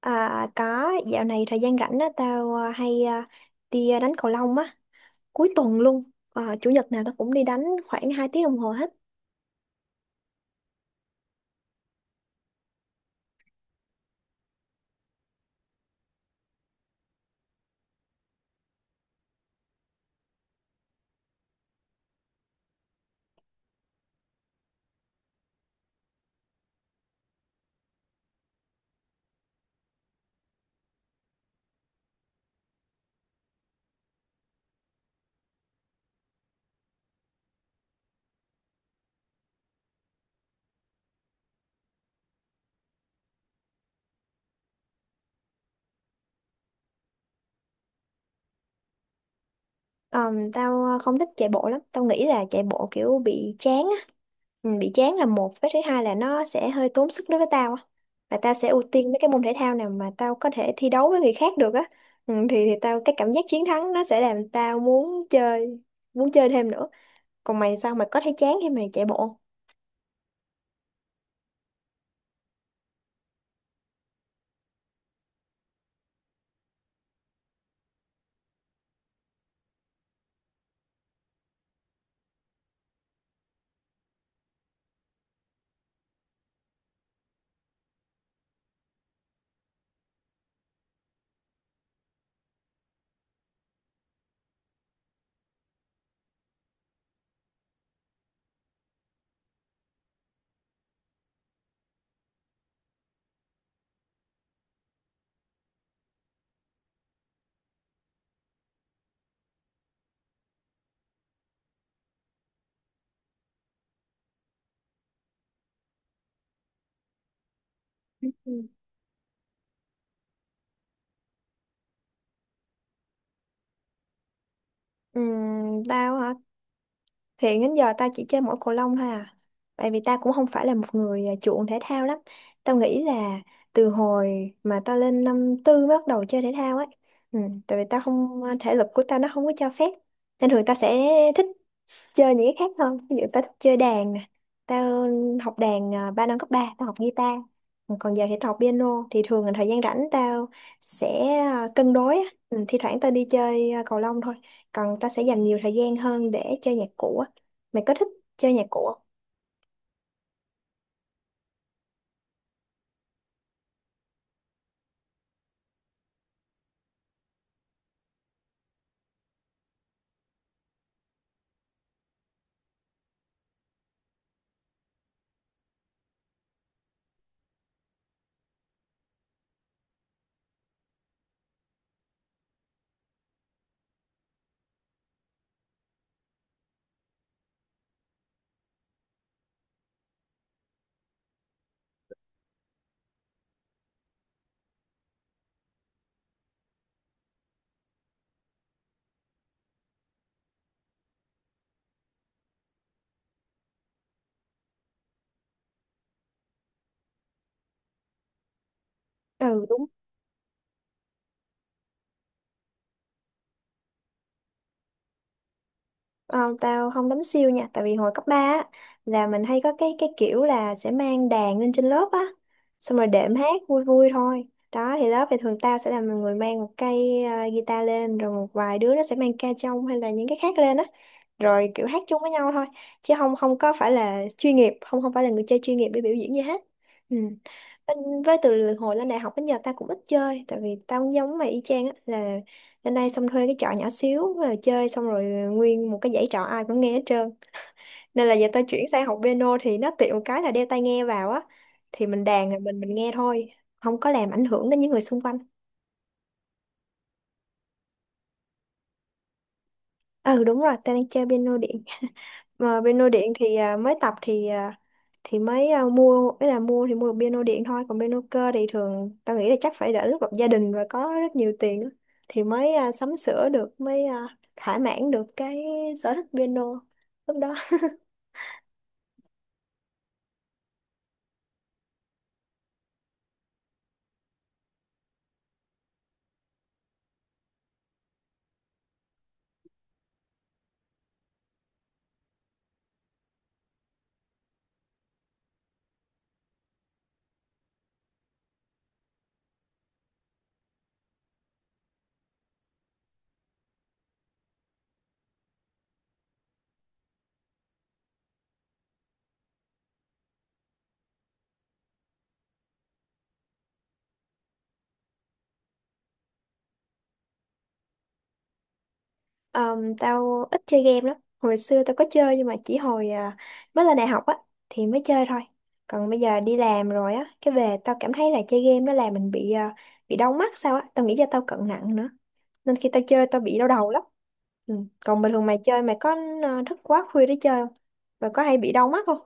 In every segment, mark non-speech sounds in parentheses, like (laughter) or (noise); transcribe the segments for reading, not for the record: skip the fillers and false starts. À, có dạo này thời gian rảnh á tao hay đi đánh cầu lông á cuối tuần luôn. Chủ nhật nào tao cũng đi đánh khoảng 2 tiếng đồng hồ hết. Tao không thích chạy bộ lắm, tao nghĩ là chạy bộ kiểu bị chán á, ừ, bị chán là một, với thứ hai là nó sẽ hơi tốn sức đối với tao á, và tao sẽ ưu tiên mấy cái môn thể thao nào mà tao có thể thi đấu với người khác được á, ừ, thì tao cái cảm giác chiến thắng nó sẽ làm tao muốn chơi, muốn chơi thêm nữa. Còn mày sao, mày có thấy chán khi mày chạy bộ? Ừ. Tao hả? Hiện đến giờ tao chỉ chơi mỗi cầu lông thôi à. Tại vì tao cũng không phải là một người chuộng thể thao lắm. Tao nghĩ là từ hồi mà tao lên năm 4 mới bắt đầu chơi thể thao ấy. Ừ, tại vì tao không thể lực của tao nó không có cho phép. Nên thường tao sẽ thích chơi những cái khác hơn, ví dụ tao thích chơi đàn nè, tao học đàn 3 năm cấp ba tao học guitar, còn giờ thì tao học piano. Thì thường là thời gian rảnh tao sẽ cân đối á. Ừ, thi thoảng tao đi chơi cầu lông thôi, còn tao sẽ dành nhiều thời gian hơn để chơi nhạc cụ á. Mày có thích chơi nhạc cụ không? Ừ đúng. Ờ, tao không đánh siêu nha, tại vì hồi cấp 3 á, là mình hay có cái kiểu là sẽ mang đàn lên trên lớp á, xong rồi đệm hát vui vui thôi. Đó thì lớp thì thường tao sẽ là người mang một cây guitar lên, rồi một vài đứa nó sẽ mang ca trong hay là những cái khác lên á, rồi kiểu hát chung với nhau thôi, chứ không không có phải là chuyên nghiệp, không không phải là người chơi chuyên nghiệp để biểu diễn gì hết. Ừ. Bên- với từ hồi lên đại học đến giờ tao cũng ít chơi, tại vì tao cũng giống mày y chang á, là lên đây xong thuê cái trọ nhỏ xíu rồi chơi, xong rồi nguyên một cái dãy trọ ai cũng nghe hết trơn, nên là giờ tao chuyển sang học piano thì nó tiện một cái là đeo tai nghe vào á, thì mình đàn rồi mình nghe thôi, không có làm ảnh hưởng đến những người xung quanh. Ừ đúng rồi, tao đang chơi piano điện. Mà piano điện thì mới tập thì thì mới mua ấy, là mua thì mua được piano điện thôi, còn piano cơ thì thường tao nghĩ là chắc phải đợi lúc lập gia đình và có rất nhiều tiền á, thì mới sắm sửa được, mới thỏa mãn được cái sở thích piano lúc đó. Tao ít chơi game lắm. Hồi xưa tao có chơi nhưng mà chỉ hồi mới lên đại học á thì mới chơi thôi. Còn bây giờ đi làm rồi á, cái về tao cảm thấy là chơi game nó làm mình bị bị đau mắt sao á. Tao nghĩ do tao cận nặng nữa. Nên khi tao chơi tao bị đau đầu lắm. Ừ. Còn bình thường mày chơi mày có thức quá khuya để chơi không? Và có hay bị đau mắt không?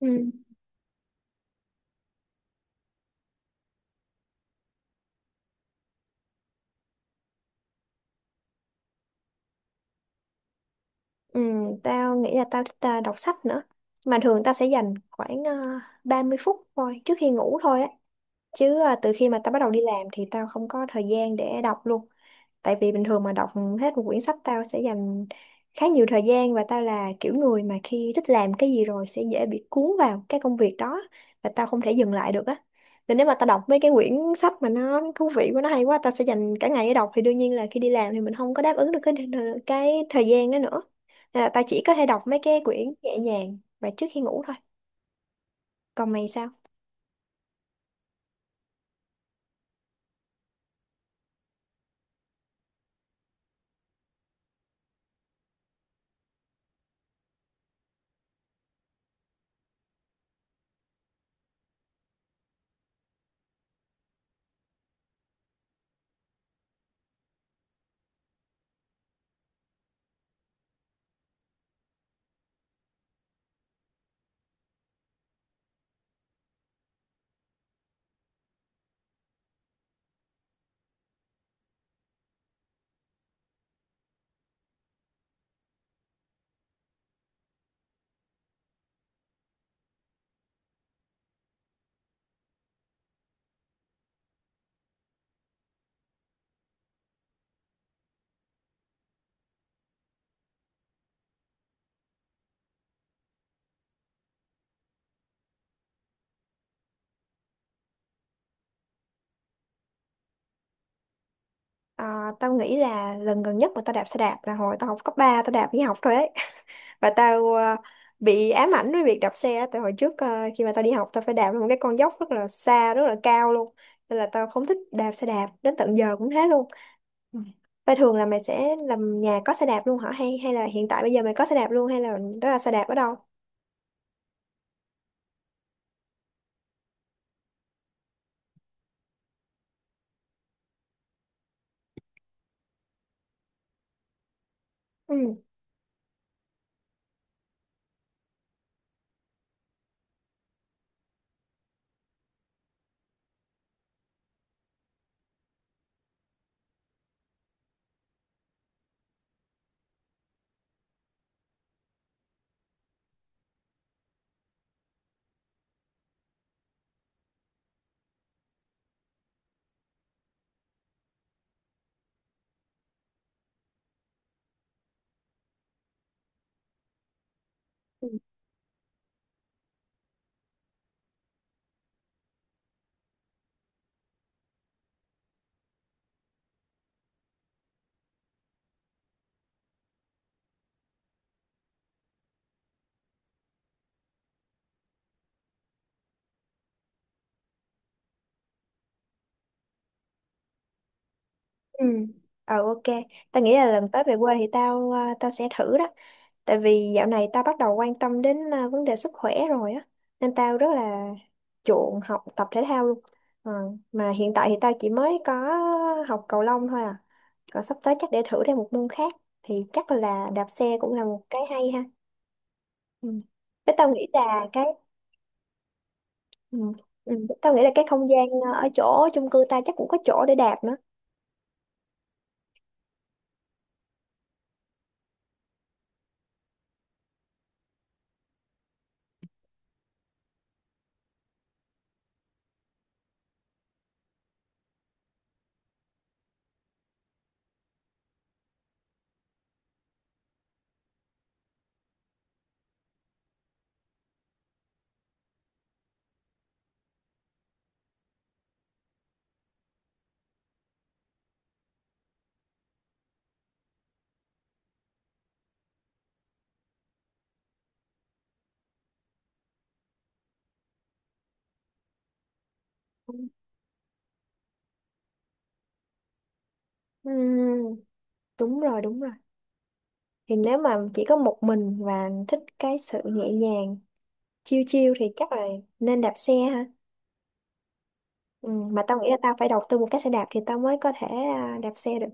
Ừ. Ừ, tao nghĩ là tao thích đọc sách nữa. Mà thường tao sẽ dành khoảng 30 phút thôi trước khi ngủ thôi á. Chứ từ khi mà tao bắt đầu đi làm thì tao không có thời gian để đọc luôn, tại vì bình thường mà đọc hết một quyển sách tao sẽ dành khá nhiều thời gian, và tao là kiểu người mà khi thích làm cái gì rồi sẽ dễ bị cuốn vào cái công việc đó và tao không thể dừng lại được á. Nên nếu mà tao đọc mấy cái quyển sách mà nó thú vị quá, nó hay quá, tao sẽ dành cả ngày để đọc, thì đương nhiên là khi đi làm thì mình không có đáp ứng được cái thời gian đó nữa, nên là tao chỉ có thể đọc mấy cái quyển nhẹ nhàng và trước khi ngủ thôi. Còn mày sao? À, tao nghĩ là lần gần nhất mà tao đạp xe đạp là hồi tao học cấp ba, tao đạp đi học thôi ấy (laughs) và tao bị ám ảnh với việc đạp xe á. Tại hồi trước khi mà tao đi học tao phải đạp lên một cái con dốc rất là xa, rất là cao luôn, nên là tao không thích đạp xe đạp đến tận giờ cũng thế luôn. Ừ. Vậy thường là mày sẽ làm nhà có xe đạp luôn hả, hay hay là hiện tại bây giờ mày có xe đạp luôn, hay là đó là xe đạp ở đâu? Ừ. Ừ. Ờ ok, tao nghĩ là lần tới về quê thì tao tao sẽ thử đó. Tại vì dạo này tao bắt đầu quan tâm đến vấn đề sức khỏe rồi á, nên tao rất là chuộng học tập thể thao luôn. Ờ, mà hiện tại thì tao chỉ mới có học cầu lông thôi à. Còn sắp tới chắc để thử thêm một môn khác, thì chắc là đạp xe cũng là một cái hay ha. Ừ. Với tao nghĩ là cái ừ. Ừ. Tao nghĩ là cái không gian ở chỗ chung cư ta chắc cũng có chỗ để đạp nữa. Ừ, Ừ, đúng rồi, đúng rồi. Thì nếu mà chỉ có một mình và thích cái sự nhẹ nhàng, chill chill thì chắc là nên đạp xe ha. Ừ, mà tao nghĩ là tao phải đầu tư một cái xe đạp thì tao mới có thể đạp xe được.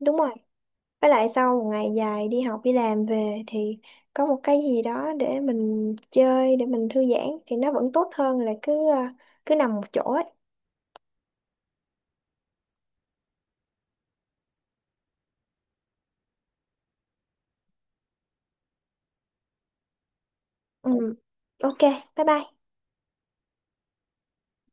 Đúng rồi, với lại sau một ngày dài đi học đi làm về thì có một cái gì đó để mình chơi, để mình thư giãn thì nó vẫn tốt hơn là cứ cứ nằm một chỗ ấy. Ừ. Ok, bye bye.